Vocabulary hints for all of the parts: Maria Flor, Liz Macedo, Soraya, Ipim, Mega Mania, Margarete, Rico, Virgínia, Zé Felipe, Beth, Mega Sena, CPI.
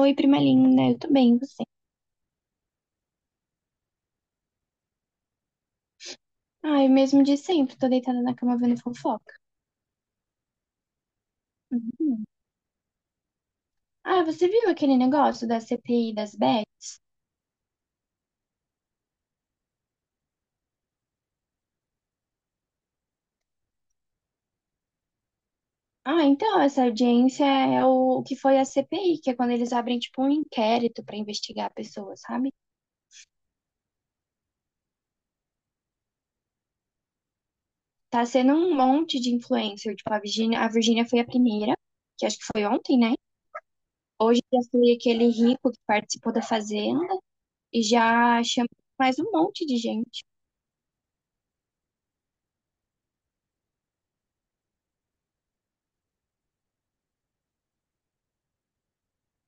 Oi, prima linda, eu tô bem, e você? Ai, mesmo de sempre, tô deitada na cama vendo fofoca. Uhum. Ah, você viu aquele negócio da CPI das bets? Ah, então, essa audiência é o que foi a CPI, que é quando eles abrem, tipo, um inquérito pra investigar a pessoa, sabe? Tá sendo um monte de influencer, tipo, a Virgínia foi a primeira, que acho que foi ontem, né? Hoje já foi aquele rico que participou da Fazenda e já chamou mais um monte de gente.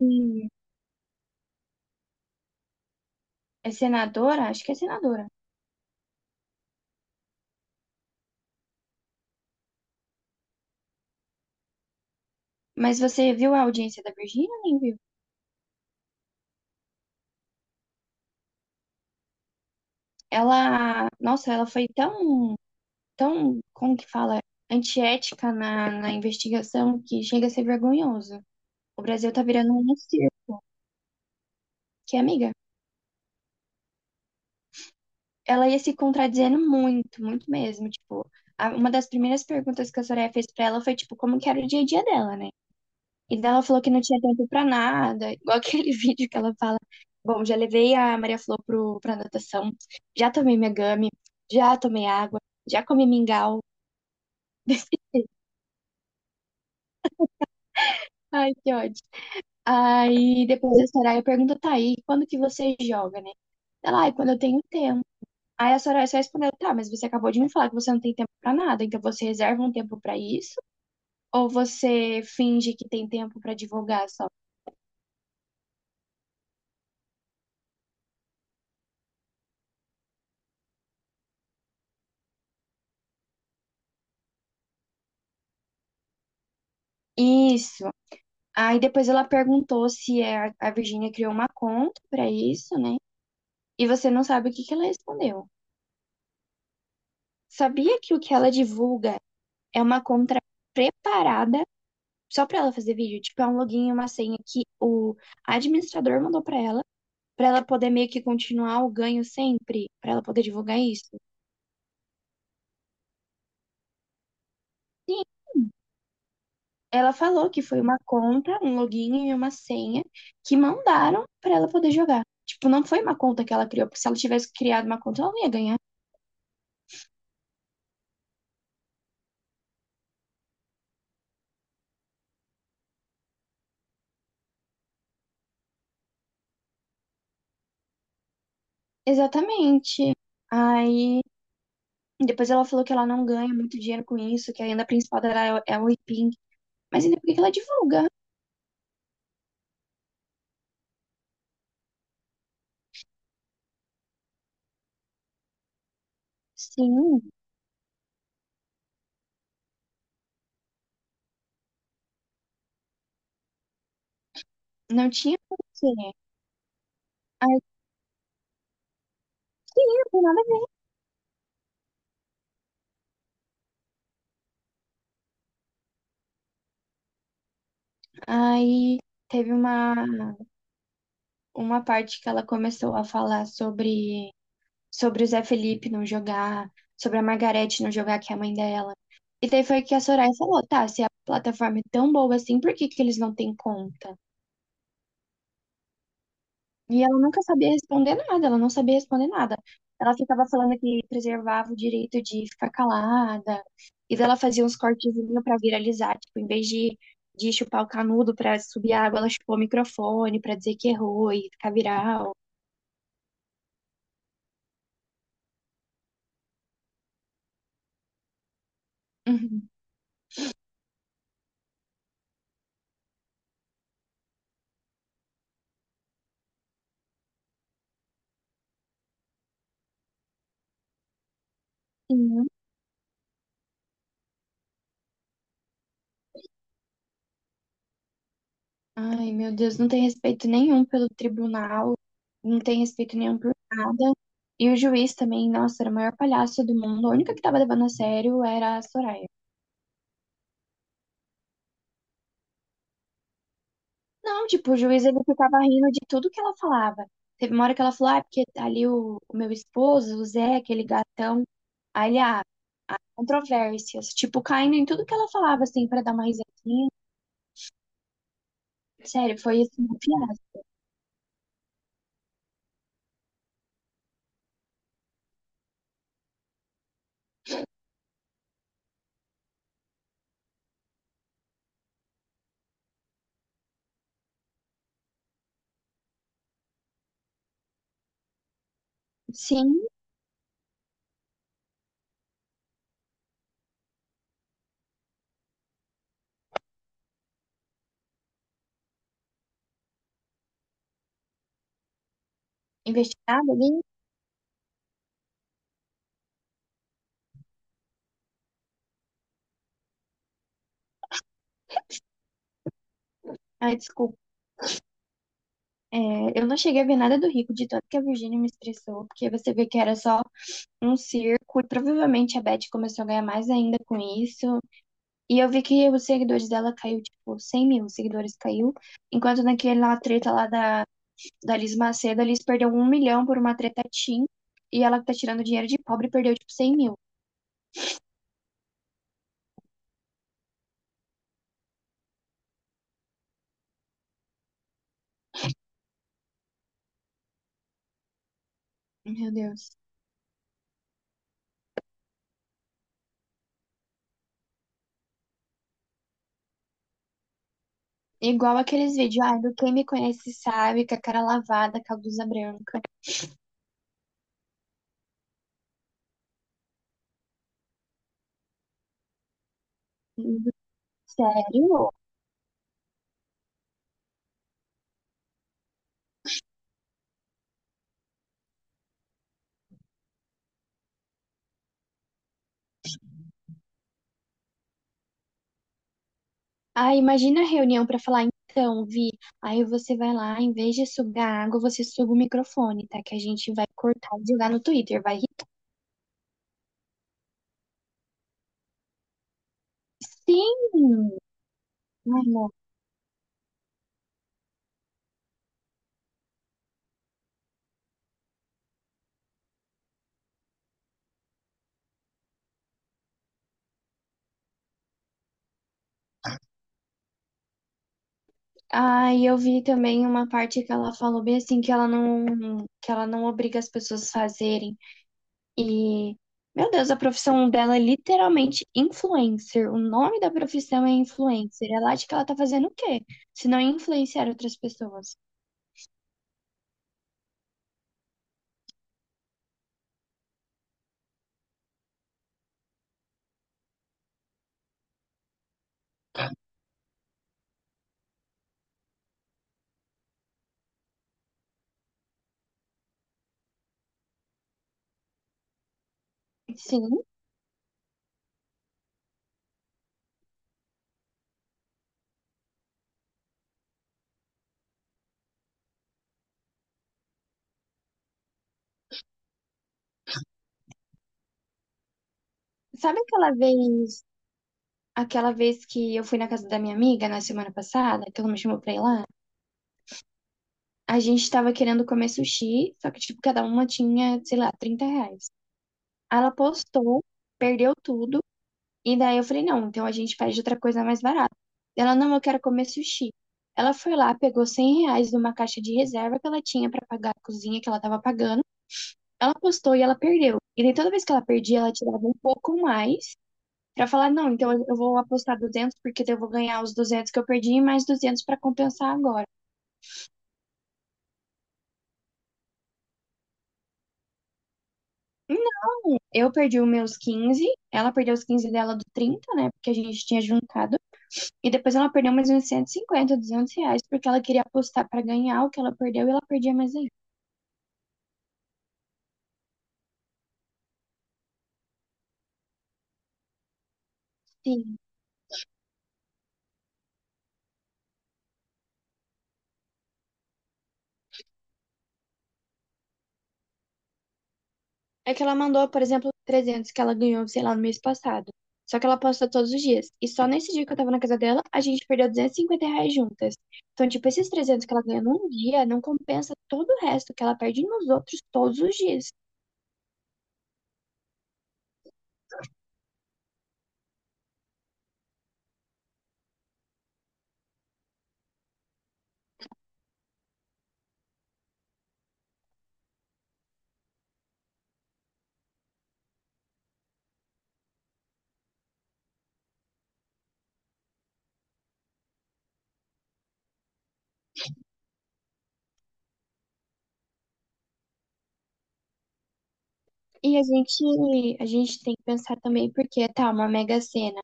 Hum. É senadora? Acho que é senadora. Mas você viu a audiência da Virgínia, nem viu? Ela, nossa, ela foi tão, como que fala, antiética na investigação que chega a ser vergonhoso. O Brasil tá virando um circo, que amiga, ela ia se contradizendo muito, muito mesmo, tipo, uma das primeiras perguntas que a Soraya fez pra ela foi, tipo, como que era o dia a dia dela, né? E daí ela falou que não tinha tempo pra nada, igual aquele vídeo que ela fala: Bom, já levei a Maria Flor pra natação, já tomei minha gami, já tomei água, já comi mingau. Ai, que ódio. Aí depois a Soraya pergunta: Tá, e quando que você joga, né? Ela, ai, quando eu tenho tempo. Aí a Soraya só respondeu: Tá, mas você acabou de me falar que você não tem tempo pra nada, então você reserva um tempo pra isso? Ou você finge que tem tempo pra divulgar só? Isso. Aí depois ela perguntou se a Virgínia criou uma conta pra isso, né? E você não sabe o que que ela respondeu. Sabia que o que ela divulga é uma conta preparada só pra ela fazer vídeo? Tipo, é um login e uma senha que o administrador mandou pra ela poder meio que continuar o ganho sempre, pra ela poder divulgar isso. Sim, ela falou que foi uma conta, um login e uma senha que mandaram pra ela poder jogar. Tipo, não foi uma conta que ela criou, porque se ela tivesse criado uma conta, ela não ia ganhar. Exatamente. Aí depois ela falou que ela não ganha muito dinheiro com isso, que a renda principal dela é o Ipim. Mas ainda por que que ela divulga? Sim, não tinha porquê. Aí, sim, não tem nada a ver. Aí teve uma parte que ela começou a falar sobre o Zé Felipe não jogar, sobre a Margarete não jogar, que é a mãe dela. E daí foi que a Soraya falou, tá, se a plataforma é tão boa assim, por que que eles não têm conta? E ela nunca sabia responder nada, ela não sabia responder nada. Ela ficava falando que preservava o direito de ficar calada, e daí ela fazia uns cortezinhos pra viralizar, tipo, em vez de chupar o canudo pra subir a água, ela chupou o microfone pra dizer que errou e ficar viral. Uhum. Sim. Ai, meu Deus, não tem respeito nenhum pelo tribunal, não tem respeito nenhum por nada. E o juiz também, nossa, era o maior palhaço do mundo. A única que tava levando a sério era a Soraya. Não, tipo, o juiz ele ficava rindo de tudo que ela falava. Teve uma hora que ela falou, ah, porque ali o meu esposo, o Zé, aquele gatão, aí ele, ah, controvérsias, tipo, caindo em tudo que ela falava, assim, pra dar uma risadinha. Sério, foi assim, um fiasco. Sim, investigada ali. Ah, desculpa. É, eu não cheguei a ver nada do Rico, de tanto que a Virgínia me estressou, porque você vê que era só um circo, e provavelmente a Beth começou a ganhar mais ainda com isso. E eu vi que os seguidores dela caiu, tipo, 100 mil seguidores caiu. Enquanto naquela treta lá da Liz Macedo, a Liz perdeu 1 milhão por uma treta Tim. E ela que tá tirando dinheiro de pobre perdeu, tipo, 100 mil. Meu Deus. Igual aqueles vídeos, ai, do quem me conhece sabe, com a cara lavada, com a blusa branca. Sério? Ah, imagina a reunião pra falar, então, Vi, aí você vai lá, em vez de sugar água, você suga o microfone, tá? Que a gente vai cortar e jogar no Twitter, vai irritar. Sim! Ai, Ah, e eu vi também uma parte que ela falou bem assim que ela não obriga as pessoas a fazerem. E meu Deus, a profissão dela é literalmente influencer. O nome da profissão é influencer. Ela acha que ela tá fazendo o quê? Se não influenciar outras pessoas. Sim. Sabe aquela vez que eu fui na casa da minha amiga na semana passada, que ela me chamou pra ir lá? A gente tava querendo comer sushi, só que tipo cada uma tinha, sei lá, 30 reais. Aí ela postou, perdeu tudo. E daí eu falei, não, então a gente pede outra coisa mais barata. Ela, não, eu quero comer sushi. Ela foi lá, pegou 100 reais de uma caixa de reserva que ela tinha pra pagar a cozinha que ela tava pagando. Ela apostou e ela perdeu. E daí toda vez que ela perdia, ela tirava um pouco mais pra falar, não, então eu vou apostar 200 porque daí eu vou ganhar os 200 que eu perdi e mais 200 pra compensar agora. Não, eu perdi os meus 15, ela perdeu os 15 dela do 30, né? Porque a gente tinha juntado. E depois ela perdeu mais uns 150, 200 reais, porque ela queria apostar pra ganhar o que ela perdeu e ela perdia mais ainda. Sim. É que ela mandou, por exemplo, 300 que ela ganhou, sei lá, no mês passado. Só que ela aposta todos os dias. E só nesse dia que eu tava na casa dela, a gente perdeu 250 reais juntas. Então, tipo, esses 300 que ela ganha num dia não compensa todo o resto que ela perde nos outros todos os dias. E a gente tem que pensar também, porque tá, uma mega sena,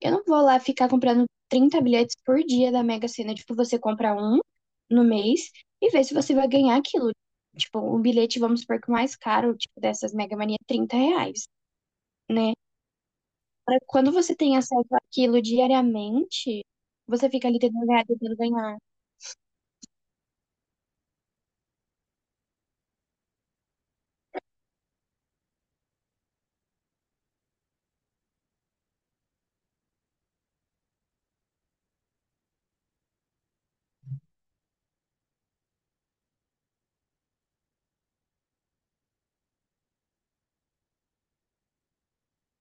eu não vou lá ficar comprando 30 bilhetes por dia da Mega Sena. Tipo, você compra um no mês e vê se você vai ganhar aquilo. Tipo, um bilhete, vamos supor que o mais caro, tipo, dessas Mega Mania, é 30 reais, né? Pra Quando você tem acesso àquilo diariamente, você fica ali tentando ganhar, tentando ganhar.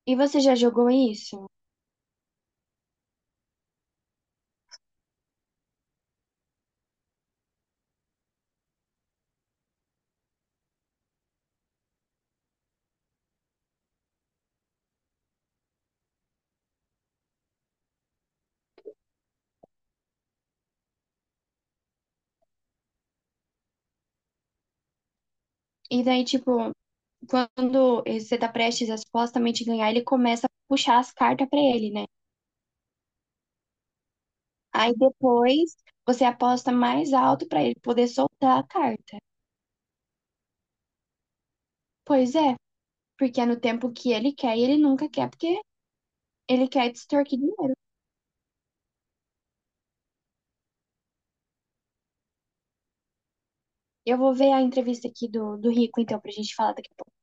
E você já jogou isso? E daí, tipo, quando você tá prestes a supostamente ganhar, ele começa a puxar as cartas pra ele, né? Aí depois você aposta mais alto pra ele poder soltar a carta. Pois é, porque é no tempo que ele quer e ele nunca quer, porque ele quer extorquir dinheiro. Eu vou ver a entrevista aqui do Rico, então, pra gente falar daqui a pouco